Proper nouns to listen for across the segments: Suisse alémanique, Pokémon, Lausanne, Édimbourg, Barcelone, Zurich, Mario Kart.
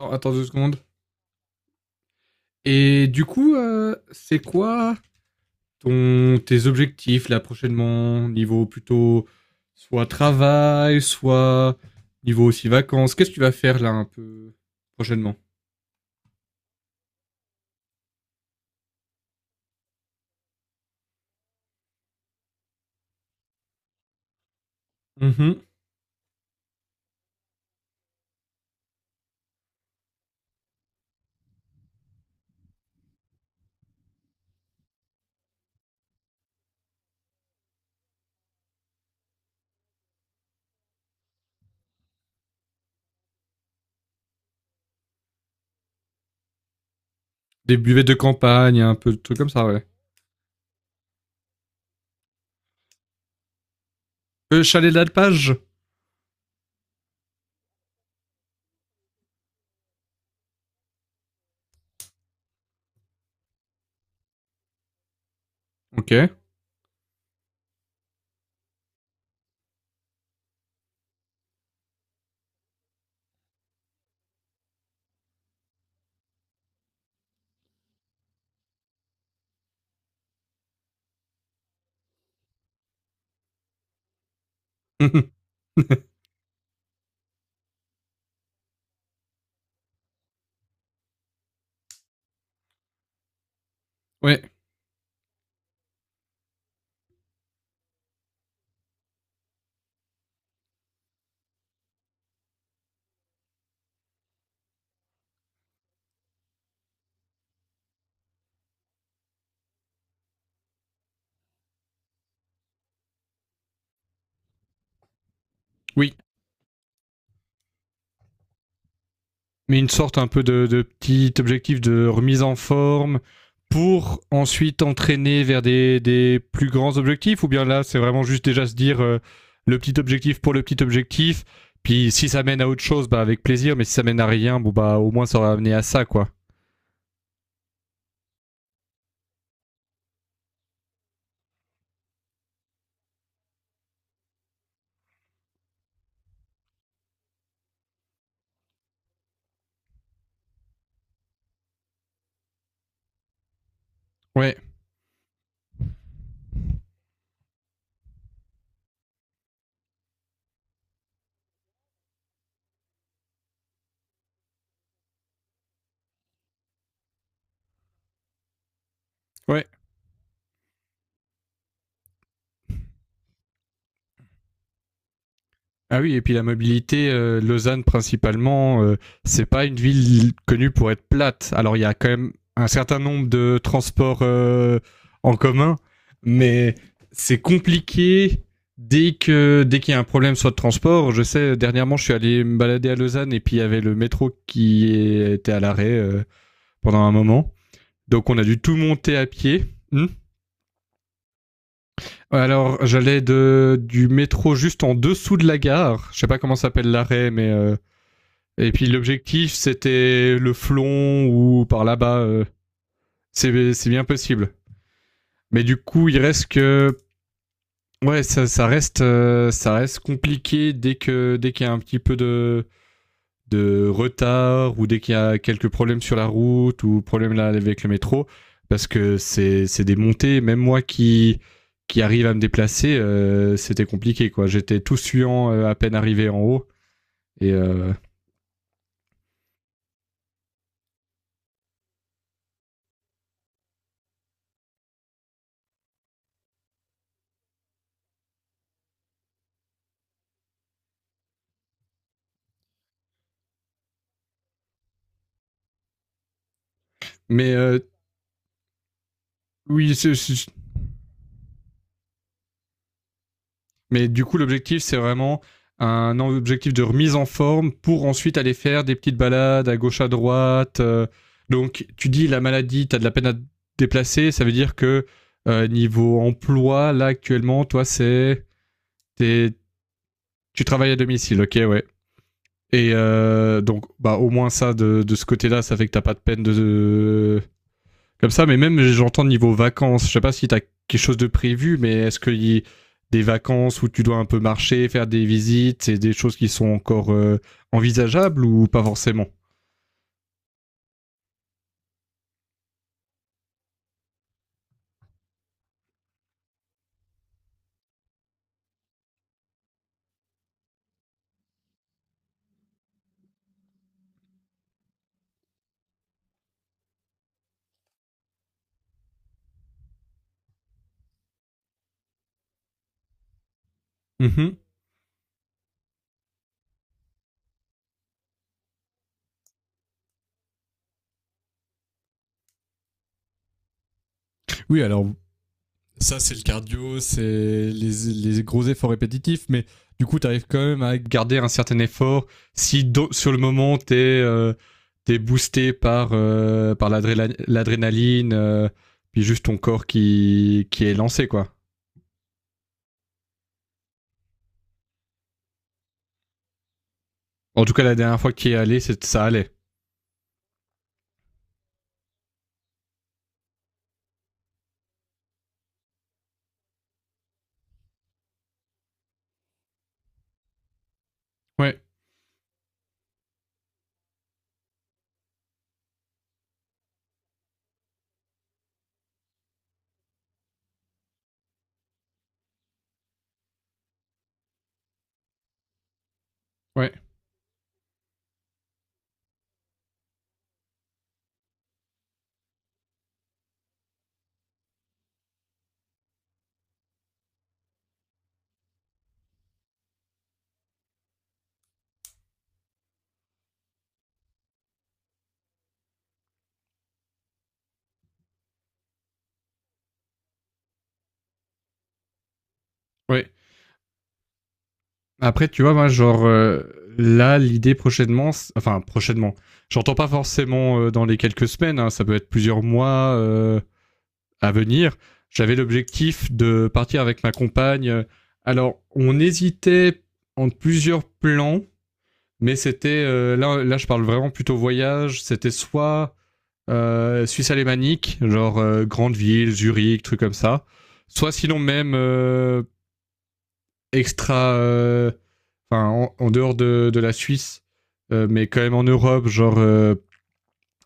Attends, attends deux secondes. Et du coup, c'est quoi tes objectifs là prochainement. Niveau plutôt soit travail, soit niveau aussi vacances. Qu'est-ce que tu vas faire là un peu prochainement? Mhm. Des buvets de campagne, un peu de trucs comme ça, ouais. Chalet d'alpage. Ok. Ouais, oui. Mais une sorte un peu de petit objectif de remise en forme pour ensuite entraîner vers des plus grands objectifs? Ou bien là, c'est vraiment juste déjà se dire le petit objectif pour le petit objectif, puis si ça mène à autre chose, bah avec plaisir, mais si ça mène à rien, bon bah au moins ça aura amené à ça, quoi. Ouais, ouais. Ah oui, et puis la mobilité, Lausanne principalement, c'est pas une ville connue pour être plate. Alors il y a quand même un certain nombre de transports en commun, mais c'est compliqué dès qu'il y a un problème soit de transport. Je sais, dernièrement, je suis allé me balader à Lausanne et puis il y avait le métro qui était à l'arrêt pendant un moment. Donc on a dû tout monter à pied. Hmm. Alors, j'allais de du métro juste en dessous de la gare. Je sais pas comment s'appelle l'arrêt, mais et puis l'objectif, c'était le flon ou par là-bas. C'est bien possible. Mais du coup, il reste que ouais, ça, ça reste compliqué dès qu'il y a un petit peu de retard ou dès qu'il y a quelques problèmes sur la route ou problèmes là avec le métro parce que c'est des montées. Même moi qui arrive à me déplacer, c'était compliqué quoi. J'étais tout suant à peine arrivé en haut. Et mais euh, oui, mais du coup, l'objectif, c'est vraiment un objectif de remise en forme pour ensuite aller faire des petites balades à gauche à droite. Donc, tu dis la maladie, t'as de la peine à te déplacer, ça veut dire que niveau emploi, là actuellement, toi, t'es- tu travailles à domicile, ok, ouais. Et donc, bah, au moins ça de ce côté-là, ça fait que t'as pas de peine de, comme ça, mais même j'entends niveau vacances, je sais pas si t'as quelque chose de prévu, mais est-ce qu'il y a des vacances où tu dois un peu marcher, faire des visites, c'est des choses qui sont encore envisageables ou pas forcément? Mhm. Oui, alors ça c'est le cardio, c'est les gros efforts répétitifs, mais du coup t'arrives quand même à... garder un certain effort, si do- sur le moment t'es t'es boosté par, par l'adrénaline, puis juste ton corps qui est lancé, quoi. En tout cas, la dernière fois qu'il est allé, ça allait. Ouais, ouais, ouais. Après, tu vois, moi, genre, là, l'idée prochainement, enfin, prochainement, j'entends pas forcément dans les quelques semaines, hein, ça peut être plusieurs mois à venir. J'avais l'objectif de partir avec ma compagne. Alors, on hésitait entre plusieurs plans, mais c'était, là, je parle vraiment plutôt voyage, c'était soit Suisse alémanique, genre grande ville, Zurich, truc comme ça, soit sinon même extra. Enfin, en dehors de la Suisse, mais quand même en Europe, genre,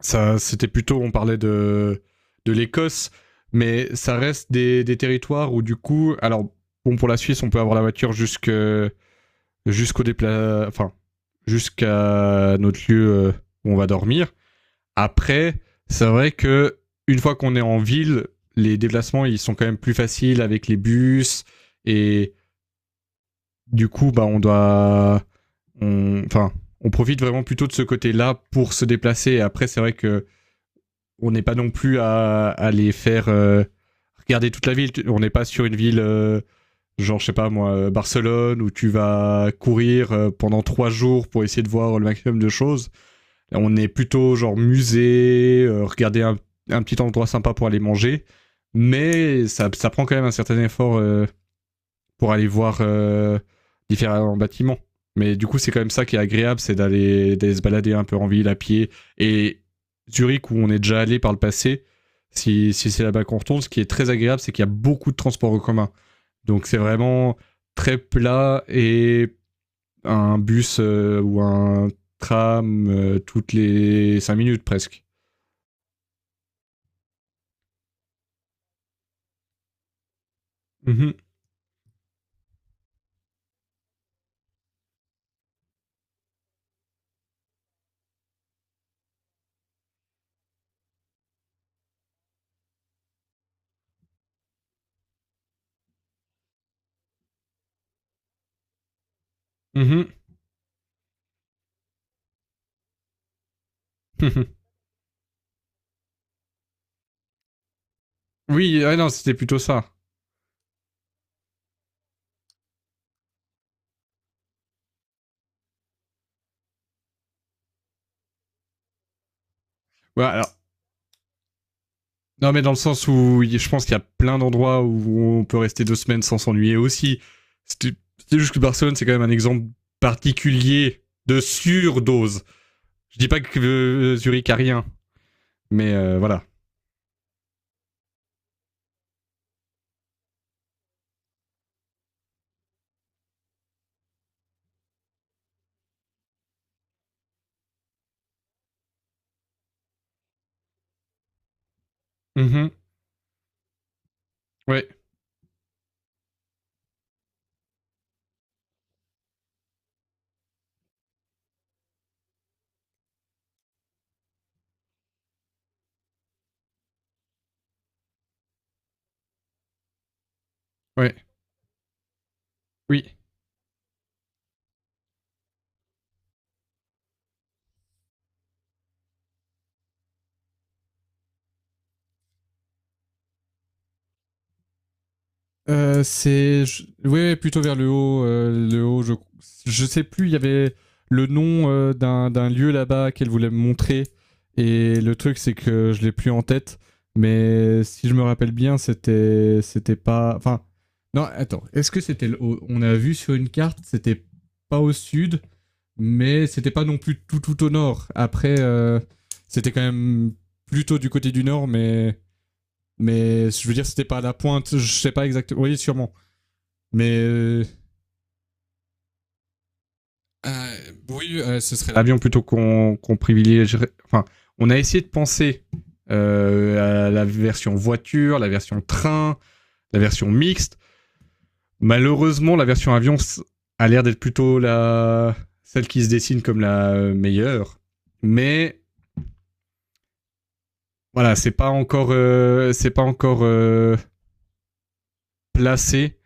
ça, c'était plutôt. On parlait de l'Écosse, mais ça reste des territoires où, du coup. Alors, bon, pour la Suisse, on peut avoir la voiture jusque, jusqu'au dépla... Enfin, jusqu'à notre lieu où on va dormir. Après, c'est vrai que une fois qu'on est en ville, les déplacements ils sont quand même plus faciles avec les bus et du coup bah on doit enfin, on profite vraiment plutôt de ce côté-là pour se déplacer. Et après, c'est vrai que on n'est pas non plus à les faire regarder toute la ville. On n'est pas sur une ville, genre, je sais pas moi, Barcelone, où tu vas courir pendant trois jours pour essayer de voir le maximum de choses. On est plutôt genre musée, regarder un petit endroit sympa pour aller manger. Mais ça prend quand même un certain effort pour aller voir différents bâtiments. Mais du coup, c'est quand même ça qui est agréable, c'est d'aller se balader un peu en ville à pied. Et Zurich, où on est déjà allé par le passé, si c'est là-bas qu'on retourne, ce qui est très agréable, c'est qu'il y a beaucoup de transports en commun. Donc c'est vraiment très plat et un bus ou un tram toutes les 5 minutes presque. Mhm, mhm, mhm. Oui, ah non, c'était plutôt ça. Ouais, alors, non, mais dans le sens où je pense qu'il y a plein d'endroits où on peut rester deux semaines sans s'ennuyer aussi. C'est juste que Barcelone, c'est quand même un exemple particulier de surdose. Je dis pas que Zurich a rien, mais voilà. Hmm. Ouais, ouais, oui. Ouais, plutôt vers le haut. Le haut, je sais plus, il y avait le nom d'un lieu là-bas qu'elle voulait me montrer. Et le truc, c'est que je l'ai plus en tête. Mais si je me rappelle bien, c'était. C'était pas. Enfin. Non, attends. Est-ce que c'était. Le haut? On a vu sur une carte, c'était pas au sud. Mais c'était pas non plus tout, tout au nord. Après, c'était quand même plutôt du côté du nord, mais. Mais je veux dire, c'était pas à la pointe, je sais pas exactement. Oui, sûrement. Mais euh, Euh, oui, ce serait l'avion plutôt qu'on privilégierait. Enfin, on a essayé de penser à la version voiture, la version train, la version mixte. Malheureusement, la version avion a l'air d'être plutôt la celle qui se dessine comme la meilleure. Mais voilà, c'est pas encore placé.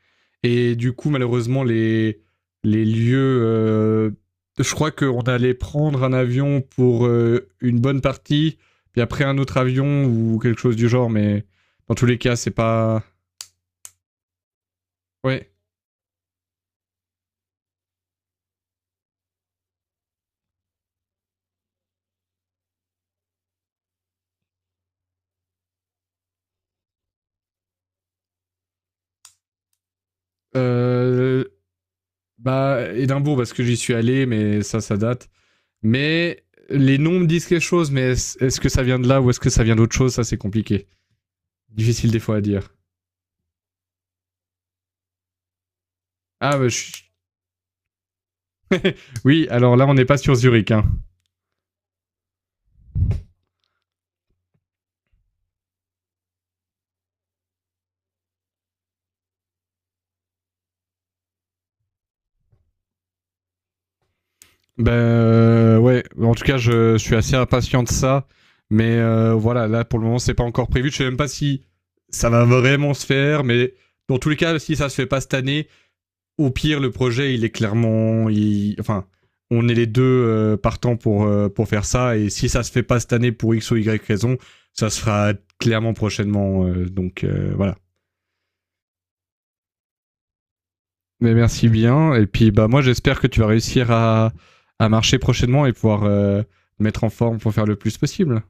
Et du coup, malheureusement, les lieux. Je crois qu'on allait prendre un avion pour une bonne partie, puis après un autre avion ou quelque chose du genre, mais dans tous les cas, c'est pas. Ouais. Euh, Bah, Édimbourg, parce que j'y suis allé, mais ça date. Mais les noms me disent quelque chose, mais est-ce que ça vient de là ou est-ce que ça vient d'autre chose? Ça, c'est compliqué. Difficile des fois à dire. Ah, bah, je oui, alors là, on n'est pas sur Zurich, hein. Ouais, en tout cas, je suis assez impatient de ça. Mais voilà, là pour le moment, c'est pas encore prévu. Je sais même pas si ça va vraiment se faire, mais dans tous les cas, si ça se fait pas cette année, au pire, le projet, il est clairement, il- enfin, on est les deux partants pour faire ça. Et si ça se fait pas cette année pour x ou y raison, ça se fera clairement prochainement. Donc voilà. Mais merci bien. Et puis, bah, moi, j'espère que tu vas réussir à marcher prochainement et pouvoir mettre en forme pour faire le plus possible.